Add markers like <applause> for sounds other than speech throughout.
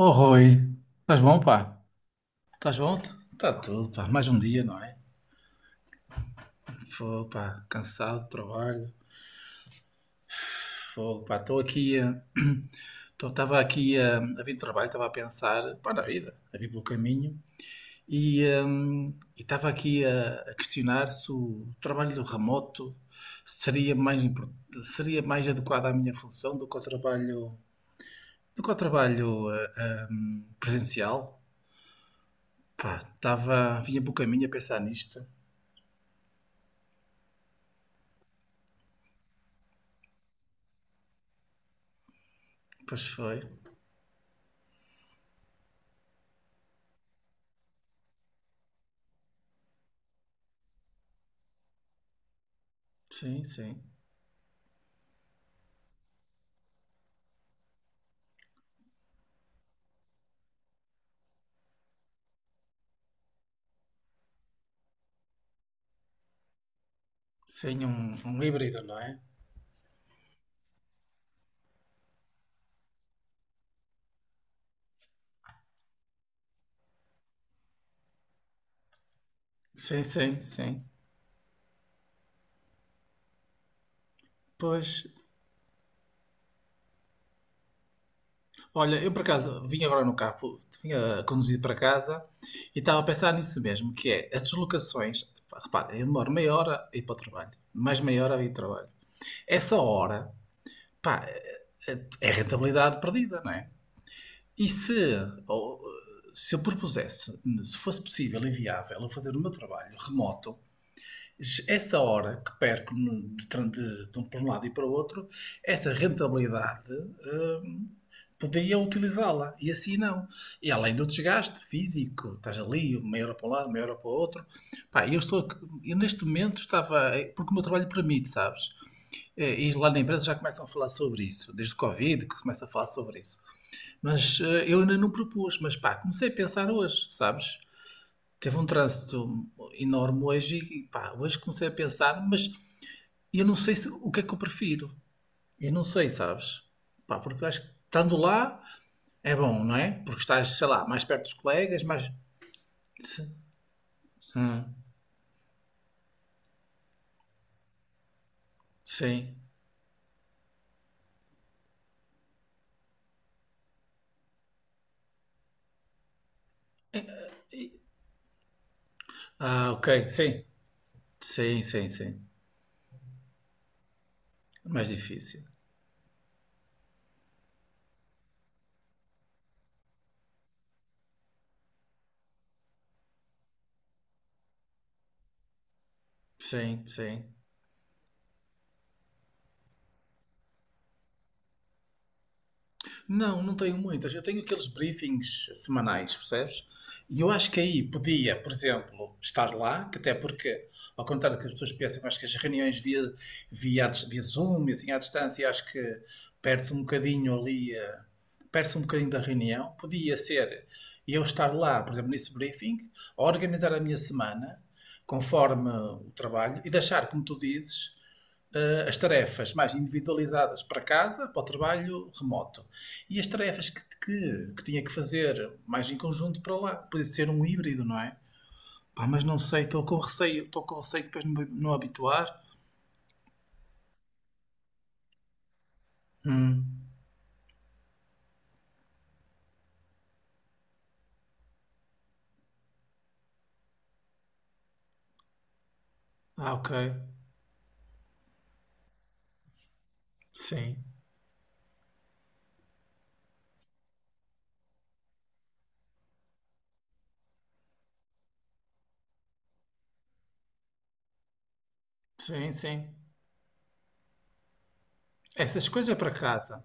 Oh, Rui, estás bom, pá? Estás bom? Está tudo, pá. Mais um dia, não é? Fogo, pá. Cansado do trabalho. Fogo, pá. Estava aqui a vir do trabalho, estava a pensar, pá, na vida, a vir pelo caminho. E hum, Estava aqui a questionar se o trabalho do remoto seria seria mais adequado à minha função do que o trabalho, do que o trabalho presencial. Pá, estava, vinha pelo caminho a pensar nisto. Pois foi. Sim, sim. Sim, um híbrido, não é? Sim, sim, sim. Pois, olha, eu por acaso vim agora no carro, vinha conduzido para casa e estava a pensar nisso mesmo, que é as deslocações. Pá, repara, eu demoro meia hora a ir para o trabalho, mais meia hora a ir para o trabalho. Essa hora, pá, é rentabilidade perdida, não é? E se, ou, Se eu propusesse, se fosse possível e viável, eu fazer o meu trabalho remoto, essa hora que perco no- de, tran- de um- para um lado e para o outro, essa rentabilidade hum, podia utilizá-la e assim não. E além do desgaste físico, estás ali, meia hora para um lado, meia hora para o outro. Pá, eu estou, aqui- Eu neste momento estava, porque o meu trabalho permite, sabes? E lá na empresa já começam a falar sobre isso, desde o Covid que se começa a falar sobre isso. Eu ainda não propus, mas pá, comecei a pensar hoje, sabes? Teve um trânsito enorme hoje e pá, hoje comecei a pensar, mas e eu não sei se, o que é que eu prefiro. Eu não sei, sabes? Pá, porque eu acho que estando lá é bom, não é? Porque estás, sei lá, mais perto dos colegas, mais. Sim. Hum, sim. Ah, ok. Sim. Sim, sim, sim. Mais difícil. Sim, sim. Não, não tenho muitas. Eu tenho aqueles briefings semanais, percebes? E eu acho que aí podia, por exemplo, estar lá, que até porque, ao contrário do que as pessoas pensam, eu acho que as reuniões via Zoom e assim à distância, eu acho que perde-se um bocadinho ali, perde-se um bocadinho da reunião. Podia ser eu estar lá, por exemplo, nesse briefing, a organizar a minha semana, conforme o trabalho, e deixar, como tu dizes, as tarefas mais individualizadas para casa, para o trabalho remoto. E as tarefas que tinha que fazer mais em conjunto para lá. Podia ser um híbrido, não é? Pá, mas não sei, estou com receio de depois não, não habituar. Hum. Ah, ok. Sim, sim, sim. Essas coisas é para casa.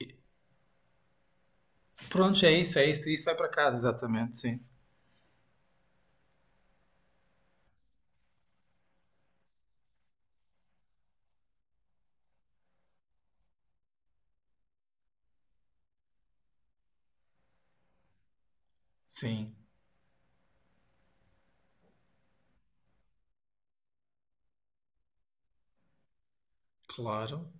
E- Prontos, é isso, isso vai para casa, exatamente, sim. Sim, claro.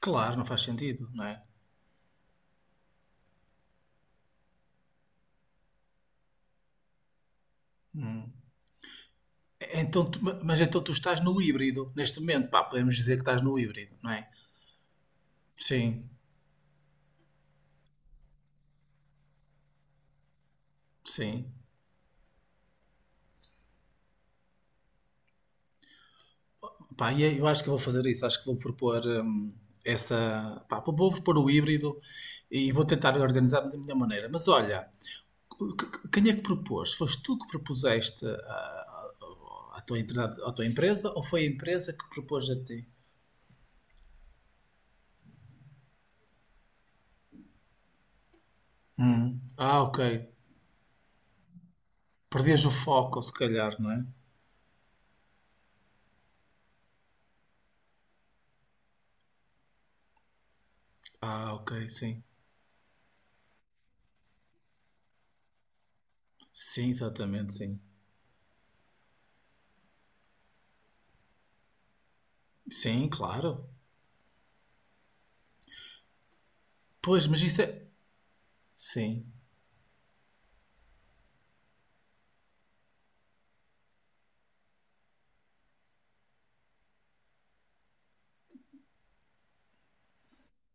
Claro, não faz sentido, não é? Hum. Mas então tu estás no híbrido neste momento, pá, podemos dizer que estás no híbrido, não é? Sim, sim. Pá, e é, eu acho que vou fazer isso, acho que vou propor essa, pá, vou propor o híbrido e vou tentar organizar-me da minha maneira. Mas olha, quem é que propôs? Foste tu que propuseste à tua, à tua empresa ou foi a empresa que propôs a ti? Hum. Ah, ok. Perdias o foco, se calhar, não é? Ah, ok, sim. Sim, exatamente, sim. Sim, claro. Pois, mas isso é. Sim,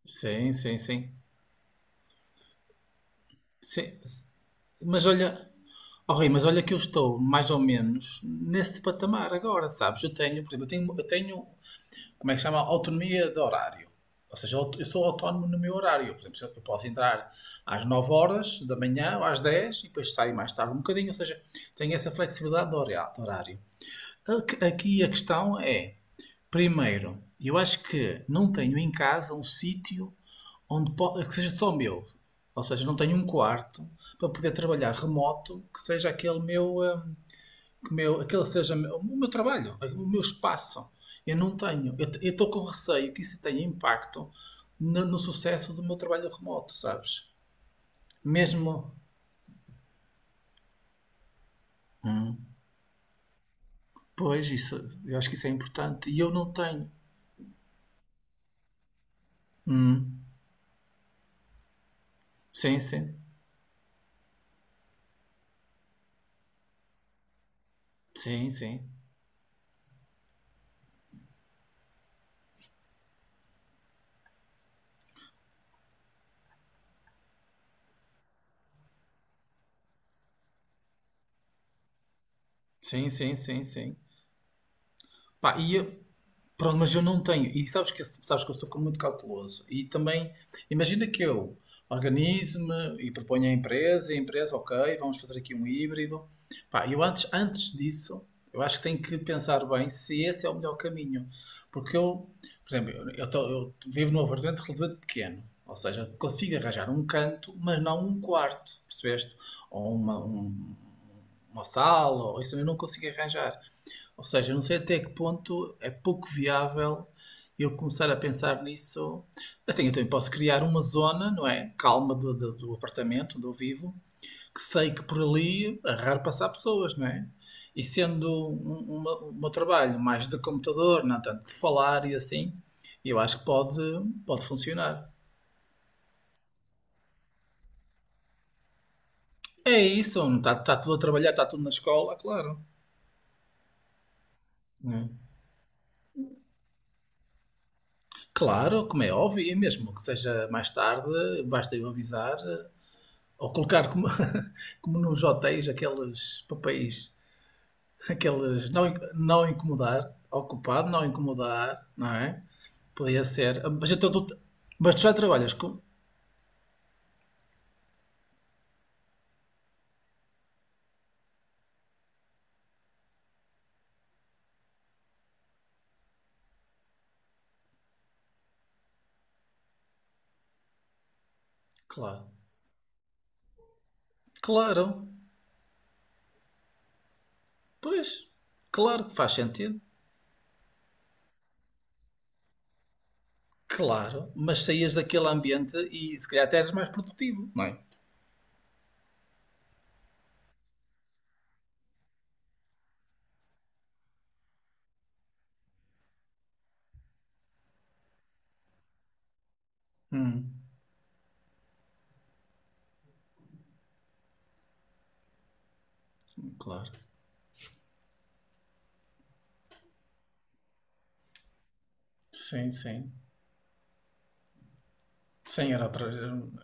sim, sim, sim. Sim. Mas olha, oh Rui, mas olha que eu estou mais ou menos nesse patamar agora, sabes? Eu tenho, por exemplo, como é que se chama? Autonomia de horário. Ou seja, eu sou autónomo no meu horário. Por exemplo, eu posso entrar às 9 horas da manhã ou às 10 e depois saio mais tarde um bocadinho. Ou seja, tenho essa flexibilidade de de horário. Aqui a questão é, primeiro, eu acho que não tenho em casa um sítio que seja só meu. Ou seja, não tenho um quarto para poder trabalhar remoto que seja aquele meu, que meu aquele seja o meu trabalho, o meu espaço. Eu não tenho. Eu estou com receio que isso tenha impacto no, no sucesso do meu trabalho remoto, sabes? Mesmo, pois, isso, eu acho que isso é importante e eu não tenho. Sim, sim. Sim, sim. Sim, sim, sim, sim. Pá, pronto, mas eu não tenho. E sabes que eu sou muito cauteloso. E também, imagina que eu organize-me e proponho à empresa, e a empresa, ok, vamos fazer aqui um híbrido. Pá, eu antes, antes disso, eu acho que tenho que pensar bem se esse é o melhor caminho. Porque eu, por exemplo, eu vivo num apartamento relativamente pequeno. Ou seja, consigo arranjar um canto, mas não um quarto, percebeste? Ou uma, um- uma sala, ou isso eu não consigo arranjar. Ou seja, não sei até que ponto é pouco viável eu começar a pensar nisso. Assim, eu também posso criar uma zona, não é? Calma do apartamento onde eu vivo, que sei que por ali é raro passar pessoas, não é? E sendo o meu trabalho mais de computador, não tanto de falar e assim, eu acho que pode, pode funcionar. É isso, não está, está tudo a trabalhar, está tudo na escola, claro. Não é? Claro, como é óbvio, e mesmo que seja mais tarde, basta eu avisar, ou colocar como, <laughs> como nos hotéis aqueles papéis, aqueles não, inc- não incomodar, ocupado, não incomodar, não é? Podia ser. Mas, então, tu, mas tu já trabalhas com. Claro. Claro. Pois. Claro que faz sentido. Claro. Mas saías daquele ambiente e se calhar até eras mais produtivo, não é? Hum, claro. Sim, sim. Sim, era outra.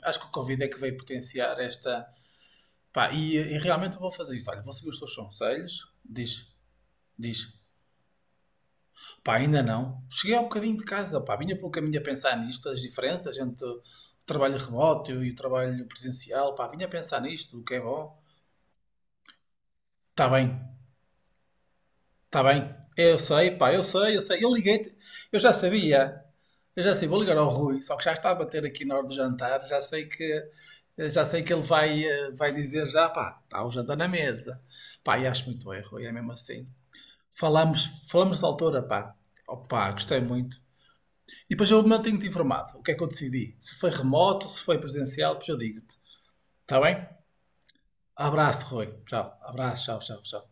Acho que o Covid é que veio potenciar esta. Pá, e realmente eu vou fazer isso. Olha, vou seguir os teus conselhos. Diz, diz, pá, ainda não. Cheguei ao bocadinho de casa, pá, vinha pelo caminho a pensar nisto, as diferenças entre o trabalho remoto e o trabalho presencial, pá, vinha a pensar nisto, o que é bom. Tá bem, tá bem. Eu sei, pá, eu sei, eu sei. Eu liguei-te, eu já sabia. Eu já sei, vou ligar ao Rui, só que já está a bater aqui na hora do jantar, já sei que ele vai, vai dizer já, pá, está o jantar na mesa. Pá, e acho muito bem, Rui, é mesmo assim. Falámos, falamos da autora pá. Opa, gostei muito. E depois eu mantenho-te informado. O que é que eu decidi? Se foi remoto, se foi presencial, depois eu digo-te. Está bem? Abraço, Rui. Tchau. Abraço, tchau, tchau, tchau.